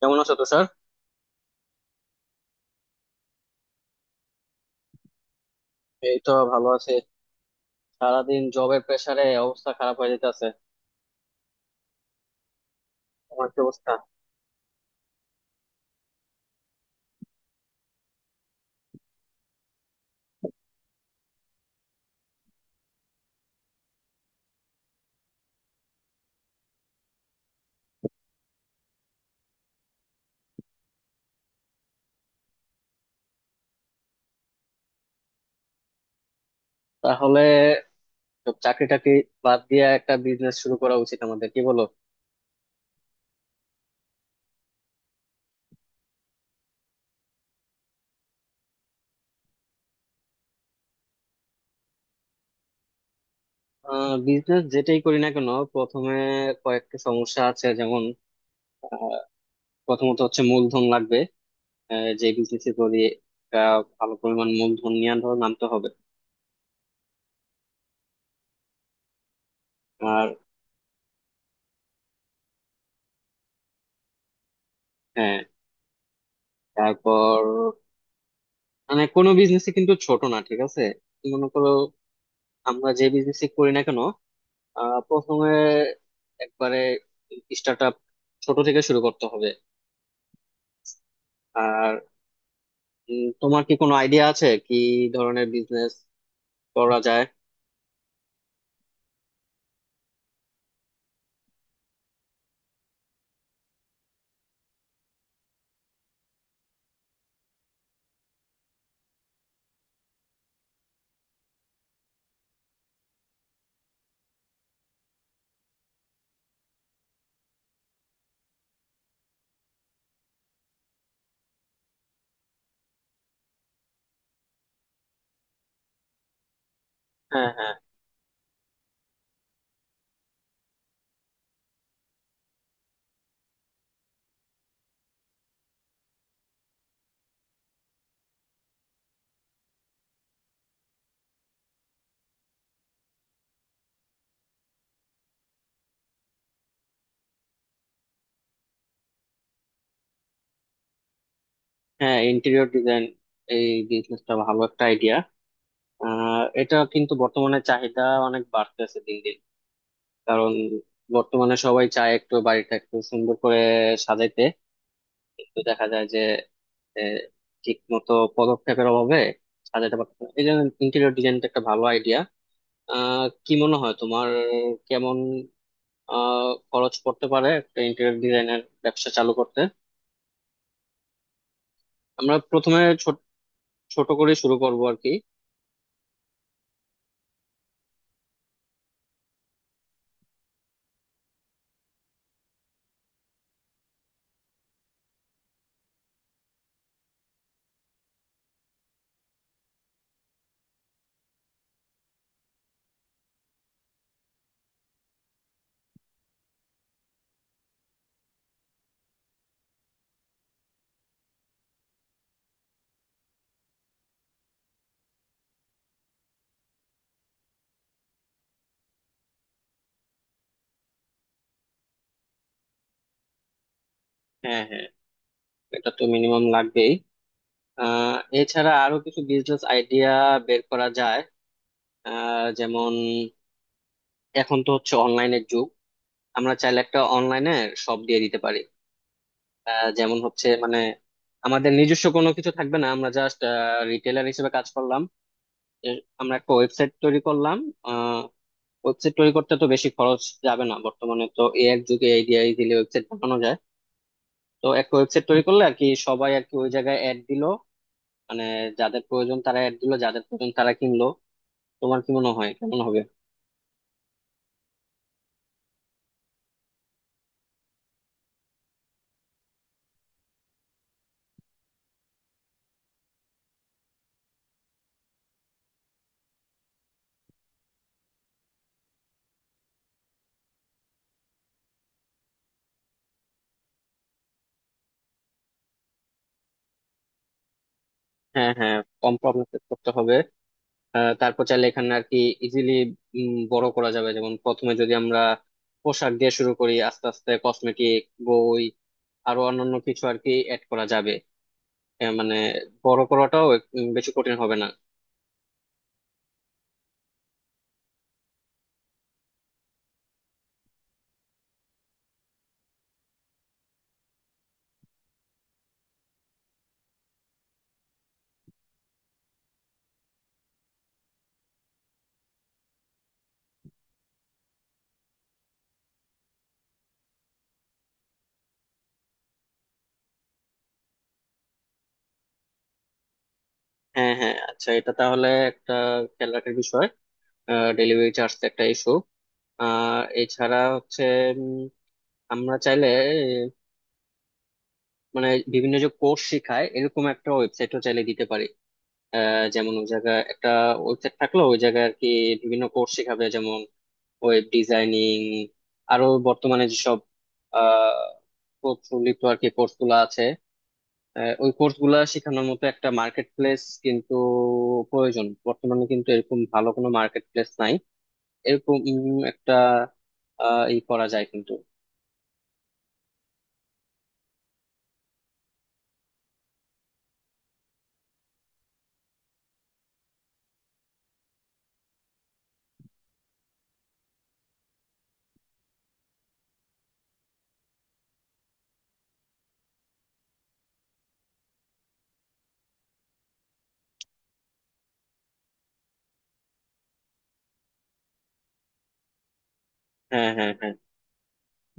কেমন আছো, তুষার? এই তো ভালো আছি। সারাদিন জবের প্রেসারে অবস্থা খারাপ হয়ে যেতেছে। আমার কি অবস্থা? তাহলে সব চাকরি টাকরি বাদ দিয়ে একটা বিজনেস শুরু করা উচিত আমাদের, কি বলো? বিজনেস যেটাই করি না কেন প্রথমে কয়েকটা সমস্যা আছে, যেমন আহ, প্রথমত হচ্ছে মূলধন লাগবে। যে বিজনেস করি একটা ভালো পরিমাণ মূলধন নিয়ে ধরো নামতে হবে। আর হ্যাঁ, তারপর মানে কোনো বিজনেসই কিন্তু ছোট না, ঠিক আছে। মনে করো আমরা যে বিজনেস করি না কেন প্রথমে একবারে স্টার্ট আপ ছোট থেকে শুরু করতে হবে। আর তোমার কি কোনো আইডিয়া আছে, কি ধরনের বিজনেস করা যায়? হ্যাঁ, হ্যাঁ, হ্যাঁ। ইন্টেরিয়র ডিজাইন, এই বিজনেসটা ভালো একটা আইডিয়া। এটা কিন্তু বর্তমানে চাহিদা অনেক বাড়তেছে দিন দিন। কারণ বর্তমানে সবাই চায় একটু বাড়িটা একটু সুন্দর করে সাজাইতে, কিন্তু দেখা যায় যে ঠিক মতো পদক্ষেপের অভাবে সাজাতে পারতেছে না। এই জন্য ইন্টেরিয়র ডিজাইনটা একটা ভালো আইডিয়া। কি মনে হয় তোমার, কেমন আহ খরচ পড়তে পারে একটা ইন্টেরিয়র ডিজাইনের ব্যবসা চালু করতে? আমরা প্রথমে ছোট ছোট করে শুরু করব আর কি। হ্যাঁ, হ্যাঁ, এটা তো মিনিমাম লাগবেই। আহ এছাড়া আরো কিছু বিজনেস আইডিয়া বের করা যায়। যেমন এখন তো হচ্ছে অনলাইনের যুগ, আমরা চাইলে একটা অনলাইনে শপ দিয়ে দিতে পারি। যেমন হচ্ছে মানে আমাদের নিজস্ব কোনো কিছু থাকবে না, আমরা জাস্ট রিটেলার হিসেবে কাজ করলাম। আমরা একটা ওয়েবসাইট তৈরি করলাম। ওয়েবসাইট তৈরি করতে তো বেশি খরচ যাবে না, বর্তমানে তো এ এক যুগে এই দিয়ে ইজিলি ওয়েবসাইট বানানো যায়। তো একটা ওয়েবসাইট তৈরি করলে আর কি সবাই আর কি ওই জায়গায় অ্যাড দিলো, মানে যাদের প্রয়োজন তারা অ্যাড দিলো, যাদের প্রয়োজন তারা কিনলো। তোমার কি মনে হয়, কেমন হবে? হ্যাঁ, হ্যাঁ। কম প্রবলেম করতে হবে। তারপর চাইলে এখানে আর কি ইজিলি বড় করা যাবে। যেমন প্রথমে যদি আমরা পোশাক দিয়ে শুরু করি, আস্তে আস্তে কসমেটিক, বই, আরো অন্যান্য কিছু আর কি অ্যাড করা যাবে। এ মানে বড় করাটাও বেশি কঠিন হবে না। হ্যাঁ, হ্যাঁ, আচ্ছা। এটা তাহলে একটা খেয়াল রাখার বিষয়, ডেলিভারি চার্জ একটা ইস্যু। আর এছাড়া হচ্ছে উম, আমরা চাইলে আহ, মানে বিভিন্ন যে কোর্স শেখায় এরকম একটা ওয়েবসাইটও চাইলে দিতে পারি। যেমন ওই জায়গায় একটা ওয়েবসাইট থাকলো, ওই জায়গায় আর কি বিভিন্ন কোর্স শেখাবে। যেমন ওয়েব ডিজাইনিং, আরো বর্তমানে যেসব আহ পোর্টফোলিও আর কি কোর্স গুলো আছে। ওই কোর্স গুলা শেখানোর মতো একটা মার্কেট প্লেস কিন্তু প্রয়োজন। বর্তমানে কিন্তু এরকম ভালো কোনো মার্কেট প্লেস নাই। এরকম একটা ই করা যায় কিন্তু। হ্যাঁ, হ্যাঁ, হ্যাঁ।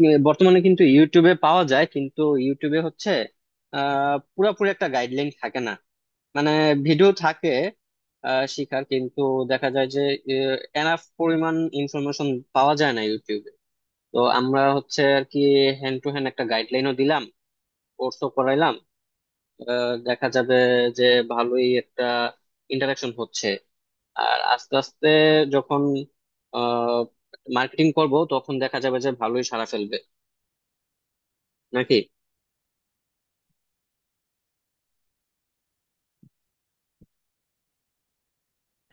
এ, বর্তমানে কিন্তু ইউটিউবে পাওয়া যায়, কিন্তু ইউটিউবে হচ্ছে পুরাপুরি একটা গাইডলাইন থাকে না। মানে ভিডিও থাকে শিখার, কিন্তু দেখা যায় যে এনাফ পরিমাণ ইনফরমেশন পাওয়া যায় না ইউটিউবে। তো আমরা হচ্ছে আর কি হ্যান্ড টু হ্যান্ড একটা গাইডলাইনও দিলাম, কোর্সও করাইলাম। দেখা যাবে যে ভালোই একটা ইন্টারাকশন হচ্ছে। আর আস্তে আস্তে যখন মার্কেটিং করব তখন দেখা যাবে যে ভালোই সাড়া ফেলবে নাকি।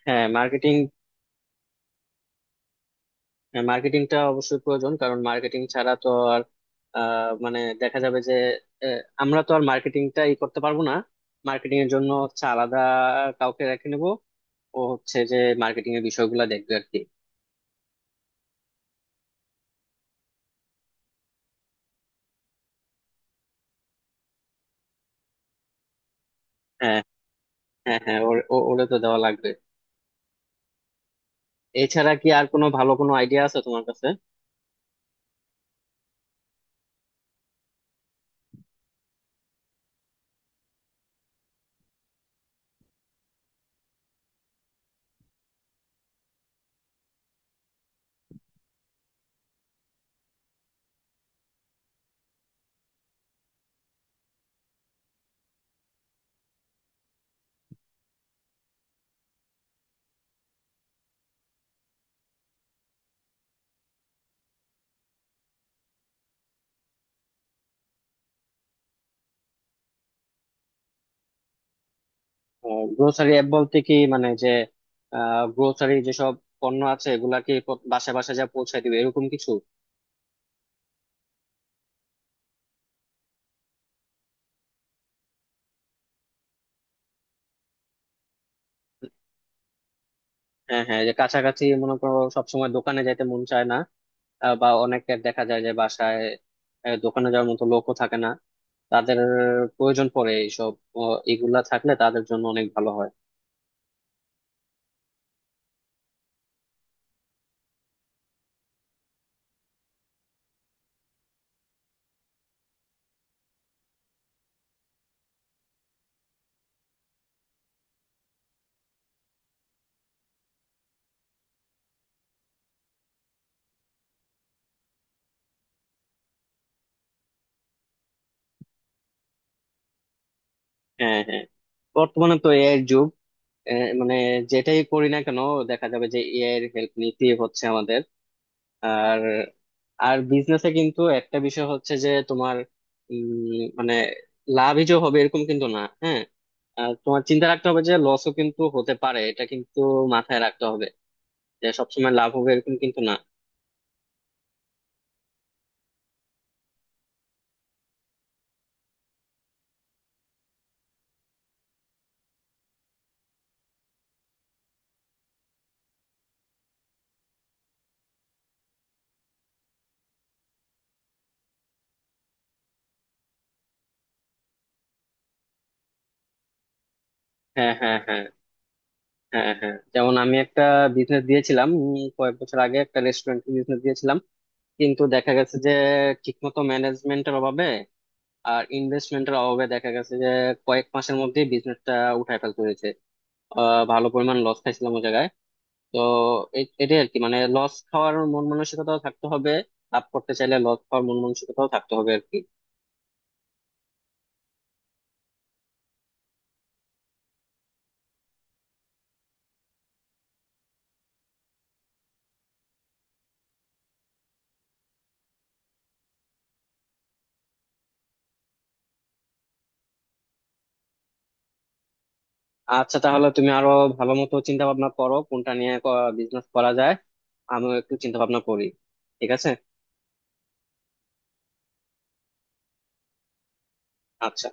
হ্যাঁ, মার্কেটিংটা অবশ্যই প্রয়োজন, কারণ মার্কেটিং ছাড়া তো আর মানে দেখা যাবে যে আমরা তো আর মার্কেটিংটা ই করতে পারবো না। মার্কেটিং এর জন্য হচ্ছে আলাদা কাউকে রেখে নেবো। ও হচ্ছে যে মার্কেটিং এর বিষয়গুলো দেখবে আর কি। হ্যাঁ, হ্যাঁ, হ্যাঁ। ওরে তো দেওয়া লাগবে। এছাড়া কি আর কোনো ভালো কোনো আইডিয়া আছে তোমার কাছে? গ্রোসারি অ্যাপ বলতে কি, মানে যে গ্রোসারি যেসব পণ্য আছে এগুলা কি বাসায় বাসায় যা পৌঁছায় দিবে এরকম কিছু? হ্যাঁ, হ্যাঁ। যে কাছাকাছি মনে করো সবসময় দোকানে যাইতে মন চায় না। বা অনেকের দেখা যায় যে বাসায় দোকানে যাওয়ার মতো লোকও থাকে না। তাদের প্রয়োজন পড়ে এইসব। ও, এগুলা থাকলে তাদের জন্য অনেক ভালো হয়। হ্যাঁ, হ্যাঁ। বর্তমানে তো এআই এর যুগ। মানে যেটাই করি না কেন দেখা যাবে যে এআই এর হেল্প নিতে হচ্ছে আমাদের। আর আর বিজনেসে কিন্তু একটা বিষয় হচ্ছে যে তোমার মানে লাভই যে হবে এরকম কিন্তু না, হ্যাঁ। আর তোমার চিন্তা রাখতে হবে যে লসও কিন্তু হতে পারে, এটা কিন্তু মাথায় রাখতে হবে, যে সবসময় লাভ হবে এরকম কিন্তু না। হ্যাঁ, হ্যাঁ, হ্যাঁ, হ্যাঁ, হ্যাঁ। যেমন আমি একটা বিজনেস দিয়েছিলাম কয়েক বছর আগে একটা রেস্টুরেন্ট বিজনেস দিয়েছিলাম, কিন্তু দেখা গেছে যে ঠিকমতো ম্যানেজমেন্টের অভাবে আর ইনভেস্টমেন্টের অভাবে দেখা গেছে যে কয়েক মাসের মধ্যেই বিজনেসটা উঠায় ফেলতে হয়েছে। ভালো পরিমাণ লস খাইছিলাম ওই জায়গায়। তো এটাই আর কি মানে লস খাওয়ার মন মানসিকতাও থাকতে হবে। লাভ করতে চাইলে লস খাওয়ার মন মানসিকতাও থাকতে হবে আর কি। আচ্ছা, তাহলে তুমি আরো ভালো মতো চিন্তা ভাবনা করো কোনটা নিয়ে বিজনেস করা যায়। আমিও একটু চিন্তা ভাবনা করি, ঠিক আছে? আচ্ছা।